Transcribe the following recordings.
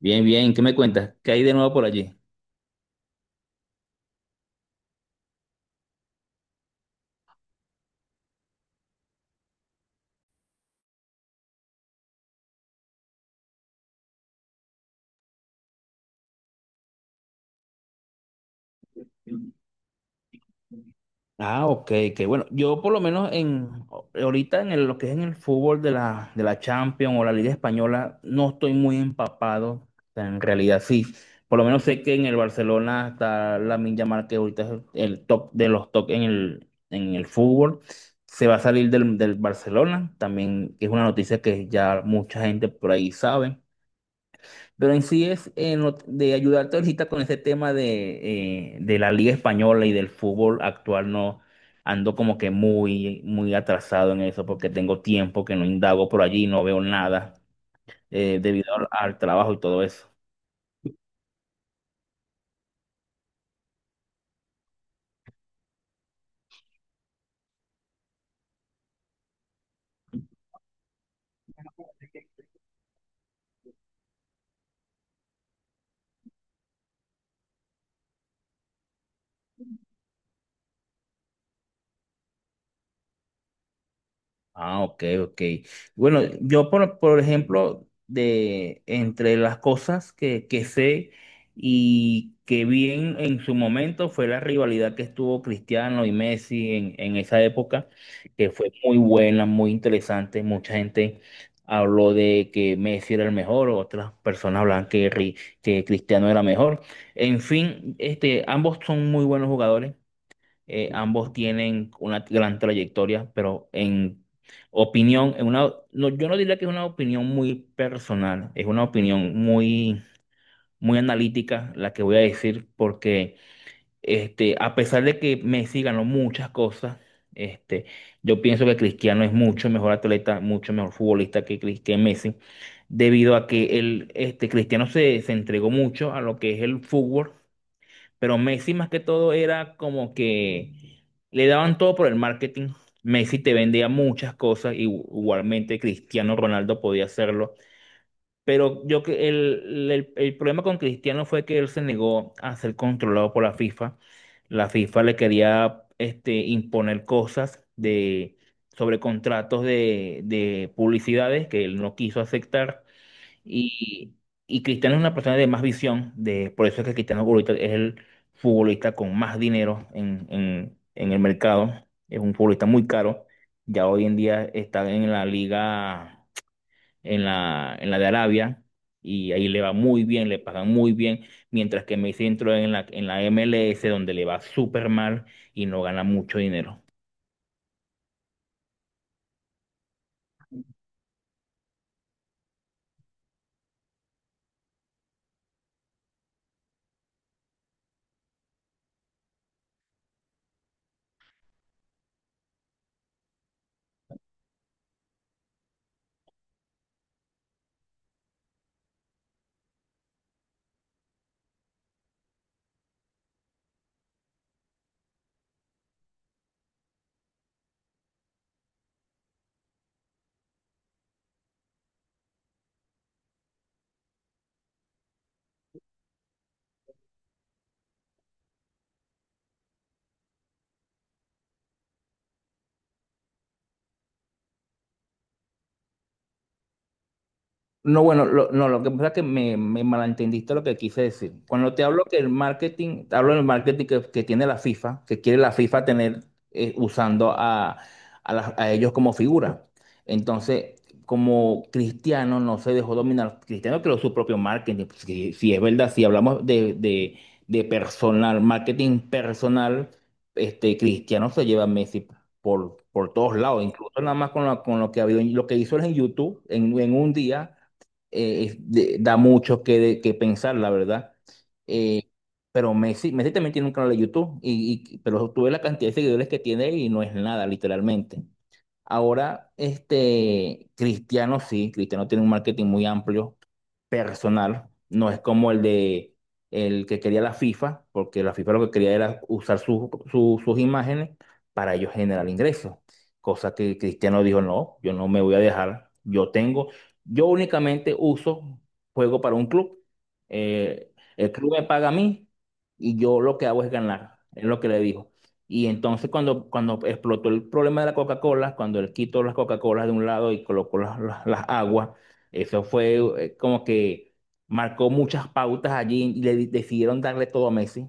Bien, bien, ¿qué me cuentas? ¿Qué hay de nuevo por allí? Ah, ok, que bueno, yo por lo menos en ahorita en lo que es en el fútbol de la Champions o la Liga Española, no estoy muy empapado. O sea, en realidad sí. Por lo menos sé que en el Barcelona está Lamine Yamal, que ahorita es el top de los top en el fútbol. Se va a salir del Barcelona, también que es una noticia que ya mucha gente por ahí sabe. Pero en sí es en de ayudarte ahorita con ese tema de de la Liga Española y del fútbol actual, no ando como que muy atrasado en eso porque tengo tiempo que no indago por allí, no veo nada, debido al trabajo y todo eso. Ah, ok, ok. Bueno, yo por ejemplo, de entre las cosas que sé y que vi en su momento fue la rivalidad que estuvo Cristiano y Messi en esa época, que fue muy buena, muy interesante. Mucha gente habló de que Messi era el mejor, otras personas hablaban que, que Cristiano era mejor. En fin, ambos son muy buenos jugadores. Ambos tienen una gran trayectoria, pero en opinión, en una, no, yo no diría que es una opinión muy personal, es una opinión muy analítica la que voy a decir, porque a pesar de que Messi ganó muchas cosas, este, yo pienso que Cristiano es mucho mejor atleta, mucho mejor futbolista que, que Messi, debido a que el Cristiano se entregó mucho a lo que es el fútbol, pero Messi más que todo era como que le daban todo por el marketing. Messi te vendía muchas cosas, y igualmente Cristiano Ronaldo podía hacerlo. Pero yo que el problema con Cristiano fue que él se negó a ser controlado por la FIFA. La FIFA le quería imponer cosas sobre contratos de publicidades que él no quiso aceptar. Y, y Cristiano es una persona de más visión, de, por eso es que Cristiano ahorita es el futbolista con más dinero en el mercado. Es un futbolista muy caro. Ya hoy en día está en la liga, en en la de Arabia, y ahí le va muy bien, le pagan muy bien, mientras que Messi entró en en la MLS, donde le va súper mal y no gana mucho dinero. No, bueno, no, lo que pasa es que me malentendiste lo que quise decir. Cuando te hablo que el marketing, te hablo del marketing que tiene la FIFA, que quiere la FIFA tener usando a a ellos como figura. Entonces, como Cristiano no se dejó dominar, Cristiano creó su propio marketing. Pues, si, si es verdad, si hablamos de personal, marketing personal, Cristiano se lleva a Messi por todos lados, incluso nada más con, con lo que ha habido en- lo que hizo él en YouTube en un día de- da mucho que, de- que pensar, la verdad. Eh, pero Messi también tiene un canal de YouTube, pero tú ves la cantidad de seguidores que tiene y no es nada, literalmente. Ahora, Cristiano sí, Cristiano tiene un marketing muy amplio, personal, no es como el de el que quería la FIFA, porque la FIFA lo que quería era usar sus imágenes para ellos generar ingresos, cosa que Cristiano dijo, no, yo no me voy a dejar, yo tengo, yo únicamente uso, juego para un club, el club me paga a mí y yo lo que hago es ganar, es lo que le dijo. Y entonces cuando explotó el problema de la Coca-Cola, cuando él quitó las Coca-Colas de un lado y colocó las aguas, eso fue como que marcó muchas pautas allí y le decidieron darle todo a Messi.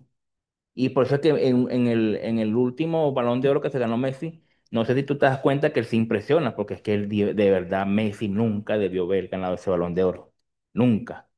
Y por eso es que en el último Balón de Oro que se ganó Messi, no sé si tú te das cuenta que él se impresiona, porque es que él, di- de verdad Messi nunca debió haber ganado ese Balón de Oro. Nunca.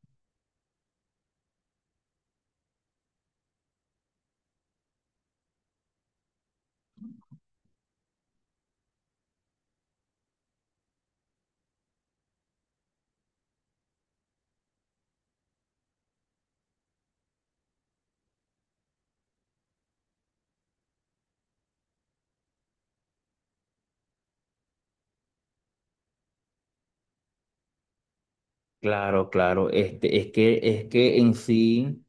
Claro, claro. Es que en sí,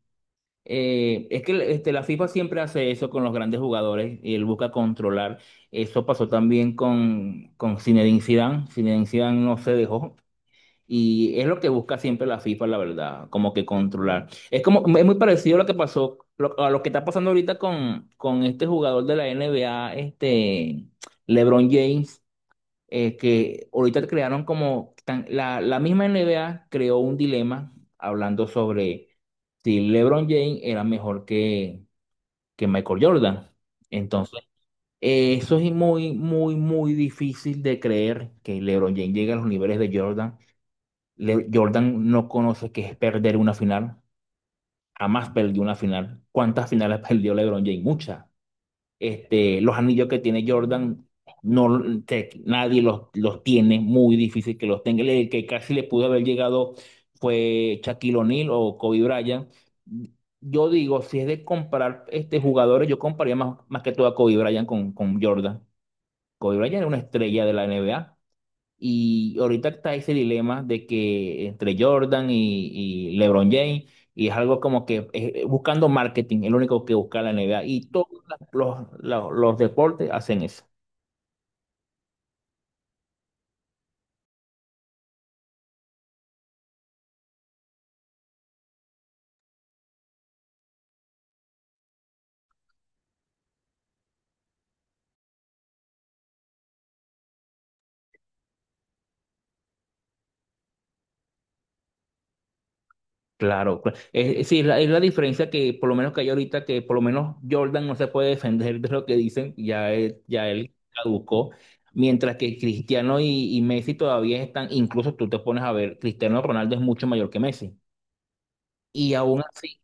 es que la FIFA siempre hace eso con los grandes jugadores y él busca controlar. Eso pasó también con Zinedine Zidane. Zinedine Zidane no se dejó. Y es lo que busca siempre la FIFA, la verdad, como que controlar. Es como, es muy parecido a lo que pasó, a lo que está pasando ahorita con este jugador de la NBA, LeBron James, que ahorita crearon como, la misma NBA creó un dilema hablando sobre si LeBron James era mejor que Michael Jordan. Entonces, eso es muy difícil de creer que LeBron James llegue a los niveles de Jordan. Jordan no conoce qué es perder una final. Jamás perdió una final. ¿Cuántas finales perdió LeBron James? Muchas. Los anillos que tiene Jordan, no, nadie los tiene. Muy difícil que los tenga. El que casi le pudo haber llegado fue Shaquille O'Neal o Kobe Bryant. Yo digo, si es de comparar jugadores, yo compararía más que todo a Kobe Bryant con Jordan. Kobe Bryant era una estrella de la NBA. Y ahorita está ese dilema de que entre Jordan y LeBron James, y es algo como que buscando marketing, el único que busca la NBA. Y todos los deportes hacen eso. Claro, sí, es es la diferencia que por lo menos que hay ahorita, que por lo menos Jordan no se puede defender de lo que dicen, ya, ya él caducó. Mientras que Cristiano y Messi todavía están, incluso tú te pones a ver, Cristiano Ronaldo es mucho mayor que Messi. Y aún así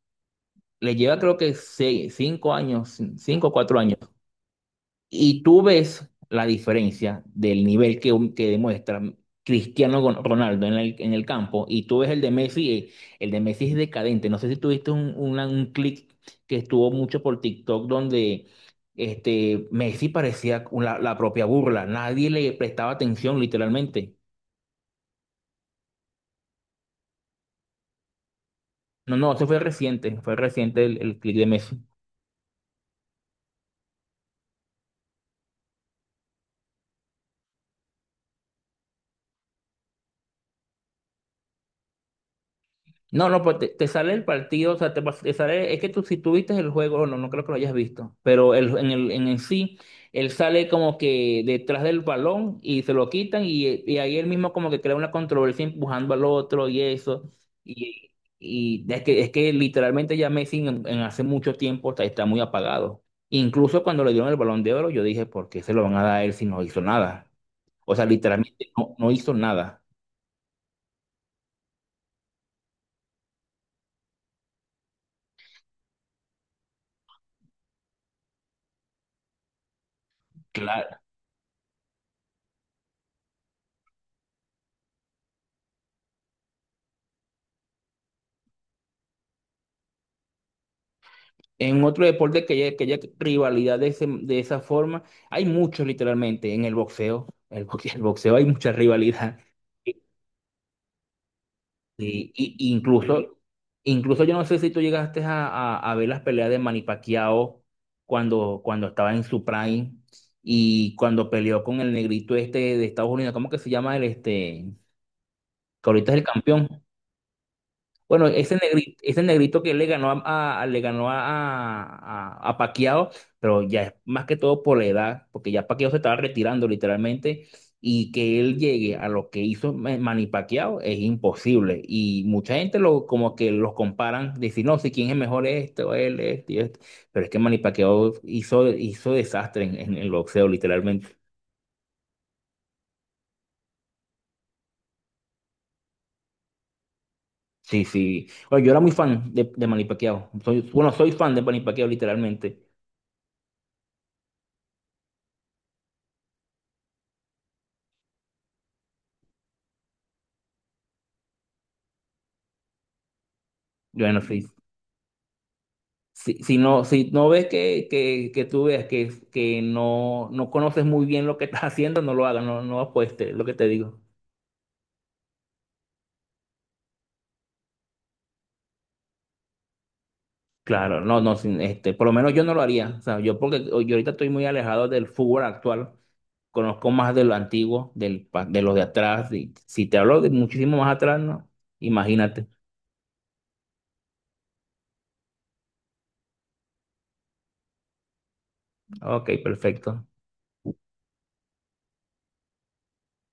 le lleva creo que seis, cinco años, cinco o cuatro años. Y tú ves la diferencia del nivel que demuestra Cristiano Ronaldo en el campo y tú ves el de Messi es decadente. No sé si tuviste un, un clip que estuvo mucho por TikTok donde Messi parecía la propia burla, nadie le prestaba atención literalmente. No, no, eso fue reciente el clip de Messi. No, no, pues te sale el partido, o sea, te, te sale, es que tú si tuviste el juego, no, no creo que lo hayas visto, pero el, en el sí, él sale como que detrás del balón y se lo quitan y ahí él mismo como que crea una controversia empujando al otro y eso, y, y es que literalmente ya Messi en hace mucho tiempo está muy apagado. Incluso cuando le dieron el Balón de Oro, yo dije, ¿por qué se lo van a dar a él si no hizo nada? O sea, literalmente no, no hizo nada. Claro. En otro deporte que haya rivalidad de, de esa forma, hay muchos literalmente en el boxeo. El boxeo, el boxeo hay mucha rivalidad. Y incluso, incluso yo no sé si tú llegaste a ver las peleas de Manny Pacquiao cuando estaba en su prime y cuando peleó con el negrito este de Estados Unidos, ¿cómo que se llama el este? Que ahorita es el campeón. Bueno, ese negrito que le ganó le ganó a Pacquiao, pero ya es más que todo por la edad, porque ya Pacquiao se estaba retirando literalmente, y que él llegue a lo que hizo Manny Pacquiao es imposible. Y mucha gente lo, como que los comparan, decir, no, si quién es mejor esto, él, este y esto. Pero es que Manny Pacquiao hizo desastre en el boxeo, literalmente. Sí, sí. Bueno, yo era muy fan de Manny Pacquiao. Soy, bueno, soy fan de Manny Pacquiao, literalmente. Bueno, sí. Si, si no, si no ves que tú veas que no, no conoces muy bien lo que estás haciendo, no lo hagas, no, no apuestes, lo que te digo. Claro, no, no, por lo menos yo no lo haría. O sea, yo porque yo ahorita estoy muy alejado del fútbol actual, conozco más de lo antiguo, del, de los de atrás. Y si te hablo de muchísimo más atrás, no, imagínate. Ok, perfecto.